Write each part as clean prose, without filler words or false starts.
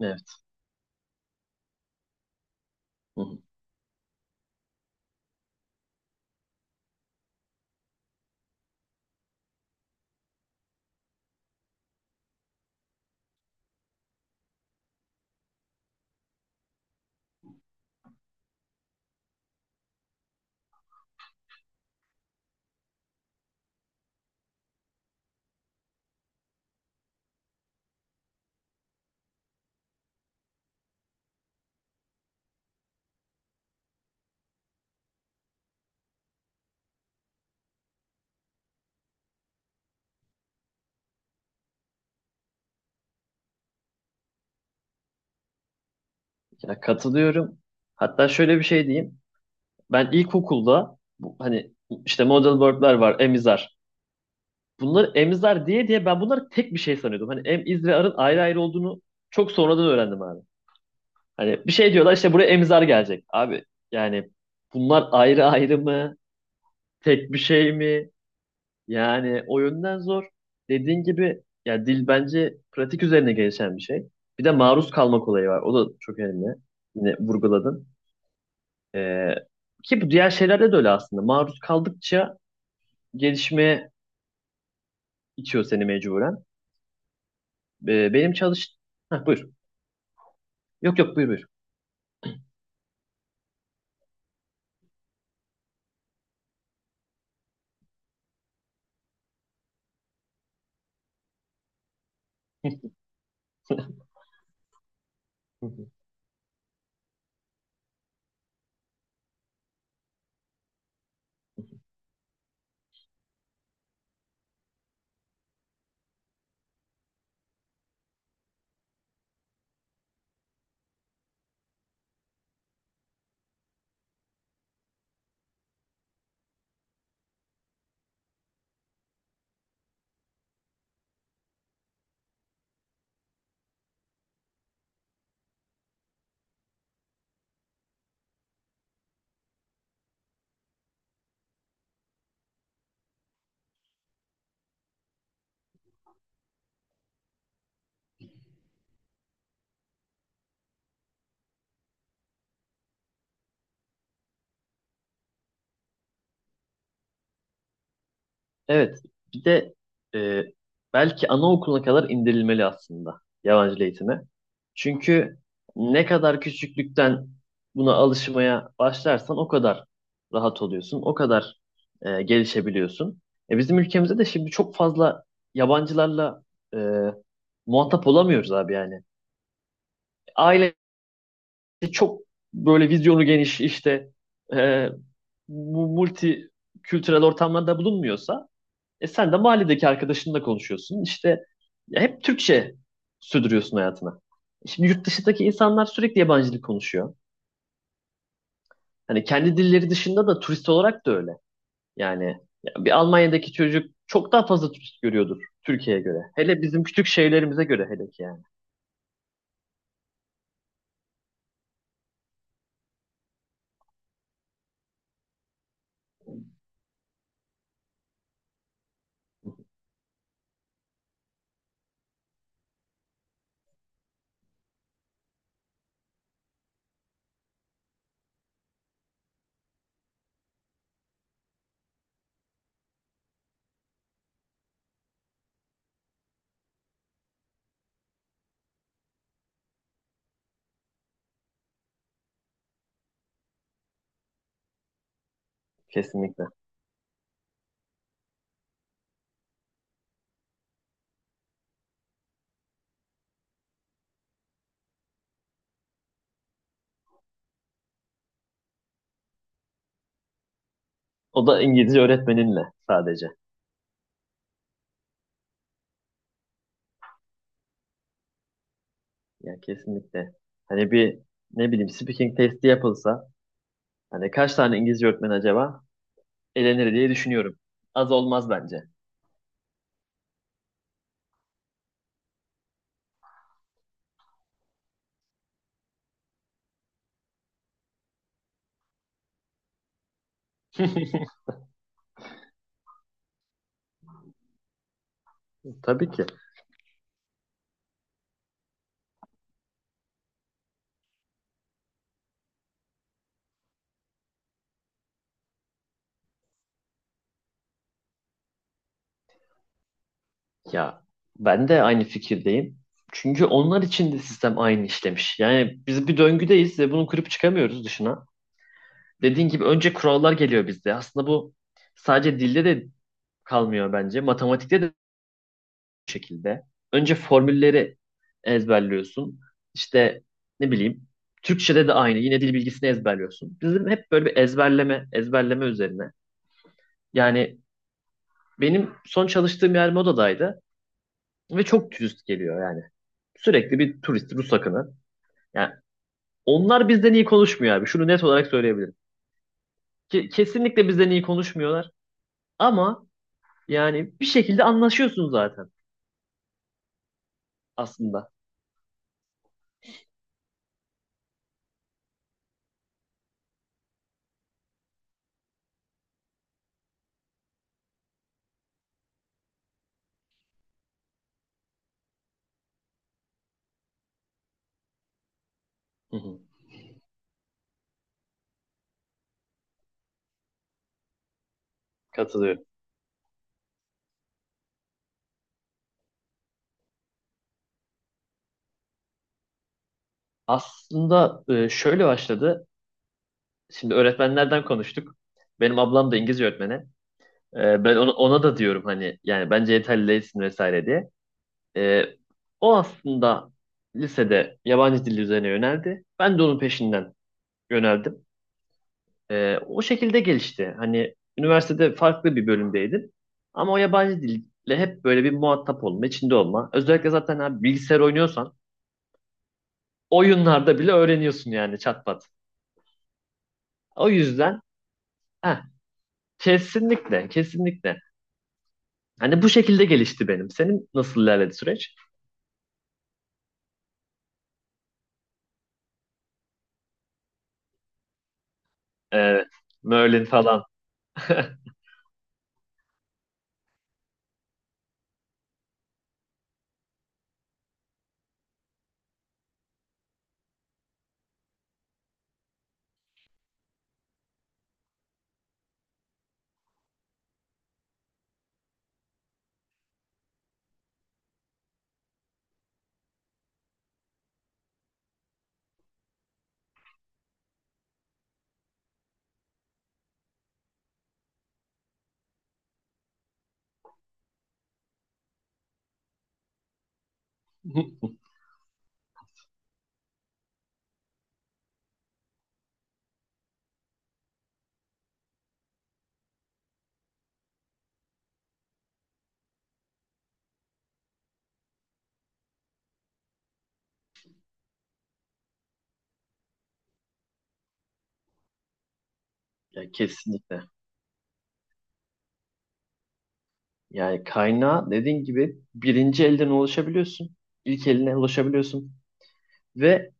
Evet. Hı hı. Ya katılıyorum. Hatta şöyle bir şey diyeyim. Ben ilkokulda bu, hani işte model verb'ler var, emizar. Bunları emizar diye diye ben bunları tek bir şey sanıyordum. Hani em, iz ve arın ayrı ayrı olduğunu çok sonradan öğrendim abi. Hani bir şey diyorlar işte buraya emizar gelecek. Abi yani bunlar ayrı ayrı mı? Tek bir şey mi? Yani o yönden zor. Dediğin gibi ya dil bence pratik üzerine gelişen bir şey. Bir de maruz kalmak olayı var. O da çok önemli. Yine vurguladın. Ee, ki bu diğer şeylerde de öyle aslında. Maruz kaldıkça gelişmeye itiyor seni mecburen. Benim çalış... Heh, buyur. Yok yok buyur buyur. Evet, bir de e, belki anaokuluna kadar indirilmeli aslında yabancı dil eğitimi. Çünkü ne kadar küçüklükten buna alışmaya başlarsan o kadar rahat oluyorsun, o kadar gelişebiliyorsun. Bizim ülkemizde de şimdi çok fazla yabancılarla e, muhatap olamıyoruz abi yani. Aile çok böyle vizyonu geniş işte e, bu multi kültürel ortamlarda bulunmuyorsa e sen de mahalledeki arkadaşınla konuşuyorsun. İşte ya hep Türkçe sürdürüyorsun hayatına. Şimdi yurt dışındaki insanlar sürekli yabancı dil konuşuyor. Hani kendi dilleri dışında da turist olarak da öyle. Yani ya bir Almanya'daki çocuk çok daha fazla turist görüyordur Türkiye'ye göre. Hele bizim küçük şehirlerimize göre hele ki yani. Kesinlikle. O da İngilizce öğretmeninle sadece. Yani kesinlikle. Hani bir ne bileyim speaking testi yapılsa hani kaç tane İngilizce öğretmen acaba elenir diye düşünüyorum. Az olmaz bence. Tabii ki. Ya ben de aynı fikirdeyim. Çünkü onlar için de sistem aynı işlemiş. Yani biz bir döngüdeyiz ve bunu kırıp çıkamıyoruz dışına. Dediğin gibi önce kurallar geliyor bizde. Aslında bu sadece dilde de kalmıyor bence. Matematikte de bu şekilde. Önce formülleri ezberliyorsun. İşte ne bileyim Türkçe'de de aynı. Yine dil bilgisini ezberliyorsun. Bizim hep böyle bir ezberleme, ezberleme üzerine. Yani benim son çalıştığım yer modadaydı ve çok dürüst geliyor yani. Sürekli bir turist, Rus akını. Yani onlar bizden iyi konuşmuyor abi. Şunu net olarak söyleyebilirim. Kesinlikle bizden iyi konuşmuyorlar. Ama yani bir şekilde anlaşıyorsun zaten aslında. Hı hı. Katılıyorum. Aslında şöyle başladı. Şimdi öğretmenlerden konuştuk. Benim ablam da İngilizce öğretmeni. Ben ona da diyorum hani yani bence yeterli değilsin vesaire diye. E, o aslında lisede yabancı dil üzerine yöneldi. Ben de onun peşinden yöneldim. O şekilde gelişti. Hani üniversitede farklı bir bölümdeydim. Ama o yabancı dille hep böyle bir muhatap olma, içinde olma. Özellikle zaten abi bilgisayar oynuyorsan oyunlarda bile öğreniyorsun yani çat pat. O yüzden heh, kesinlikle, kesinlikle. Hani bu şekilde gelişti benim. Senin nasıl ilerledi süreç? Evet, Merlin falan. Ya kesinlikle. Yani kaynağa dediğin gibi birinci elden ulaşabiliyorsun. İlk eline ulaşabiliyorsun. Ve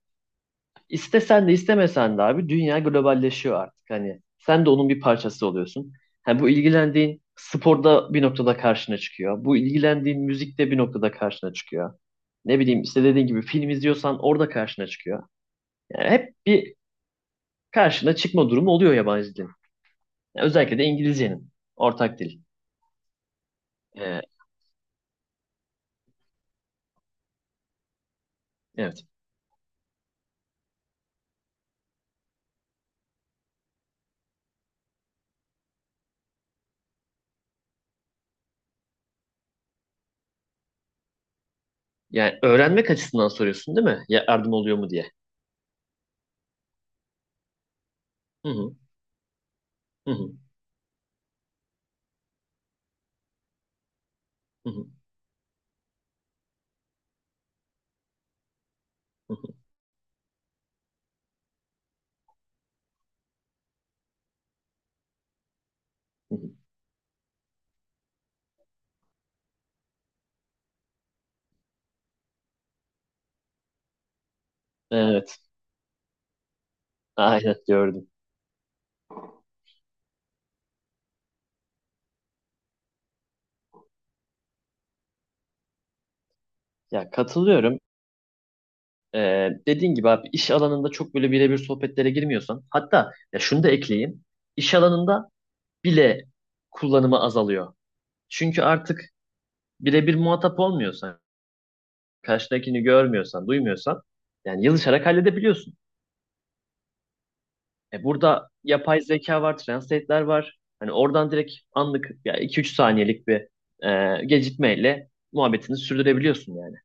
İstesen de istemesen de abi dünya globalleşiyor artık. Hani sen de onun bir parçası oluyorsun. Hani bu ilgilendiğin sporda bir noktada karşına çıkıyor. Bu ilgilendiğin müzikte bir noktada karşına çıkıyor. Ne bileyim işte dediğin gibi film izliyorsan orada karşına çıkıyor. Yani hep bir karşına çıkma durumu oluyor yabancı dilin. Yani özellikle de İngilizcenin ortak dil. Ee, evet. Yani öğrenmek açısından soruyorsun değil mi? Ya yardım oluyor mu diye. Hı hı. Hı hı. Hı hı. Hı hı. Evet. Aynen gördüm. Ya katılıyorum. Dediğin gibi abi iş alanında çok böyle birebir sohbetlere girmiyorsan hatta ya şunu da ekleyeyim iş alanında bile kullanımı azalıyor. Çünkü artık birebir muhatap olmuyorsan karşıdakini görmüyorsan duymuyorsan yani yazışarak halledebiliyorsun. E burada yapay zeka var, translate'ler var, hani oradan direkt anlık ya 2-3 saniyelik bir gecikmeyle muhabbetini sürdürebiliyorsun yani.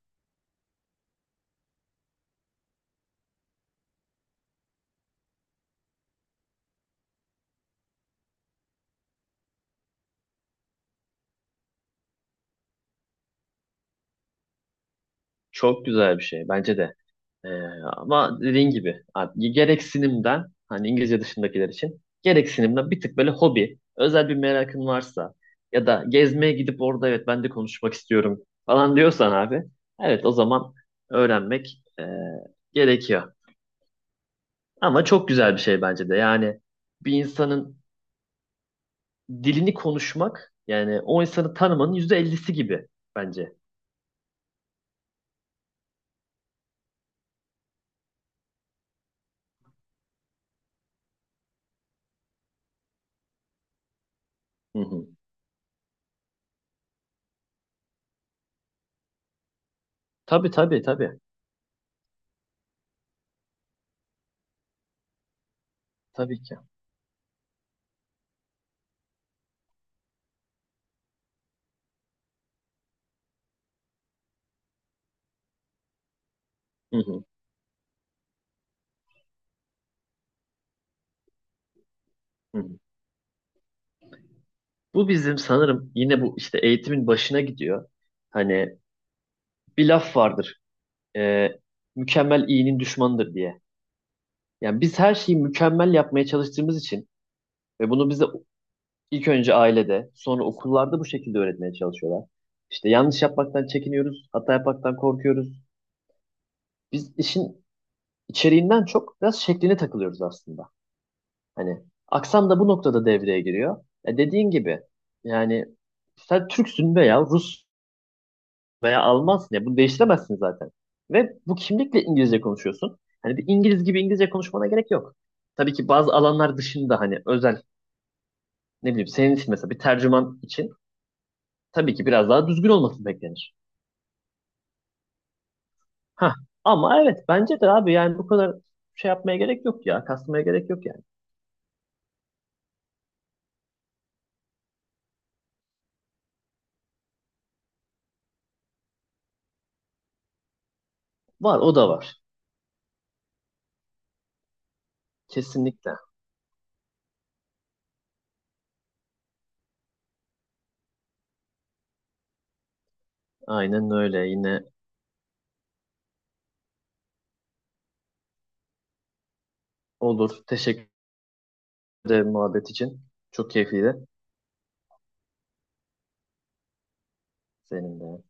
Çok güzel bir şey bence de. Ee, ama dediğin gibi abi, gereksinimden hani İngilizce dışındakiler için gereksinimden bir tık böyle hobi, özel bir merakın varsa ya da gezmeye gidip orada evet ben de konuşmak istiyorum falan diyorsan abi evet o zaman öğrenmek gerekiyor. Ama çok güzel bir şey bence de yani bir insanın dilini konuşmak yani o insanı tanımanın %50'si gibi bence. Hı hı. Tabii, tabii, tabii, tabii ki. Hı hı. Hı hı. Bu bizim sanırım yine bu işte eğitimin başına gidiyor. Hani bir laf vardır. e, Mükemmel iyinin düşmanıdır diye. Yani biz her şeyi mükemmel yapmaya çalıştığımız için ve bunu bize ilk önce ailede, sonra okullarda bu şekilde öğretmeye çalışıyorlar. İşte yanlış yapmaktan çekiniyoruz, hata yapmaktan korkuyoruz. Biz işin içeriğinden çok biraz şekline takılıyoruz aslında. Hani aksan da bu noktada devreye giriyor. E dediğin gibi yani sen Türksün veya Rus veya Almansın ya bunu değiştiremezsin zaten. Ve bu kimlikle İngilizce konuşuyorsun. Hani bir İngiliz gibi İngilizce konuşmana gerek yok. Tabii ki bazı alanlar dışında hani özel ne bileyim senin için mesela bir tercüman için tabii ki biraz daha düzgün olması beklenir. Ha, ama evet bence de abi yani bu kadar şey yapmaya gerek yok ya. Kasmaya gerek yok yani. Var, o da var. Kesinlikle. Aynen öyle. Yine olur. Teşekkür ederim muhabbet için. Çok keyifliydi. Senin de.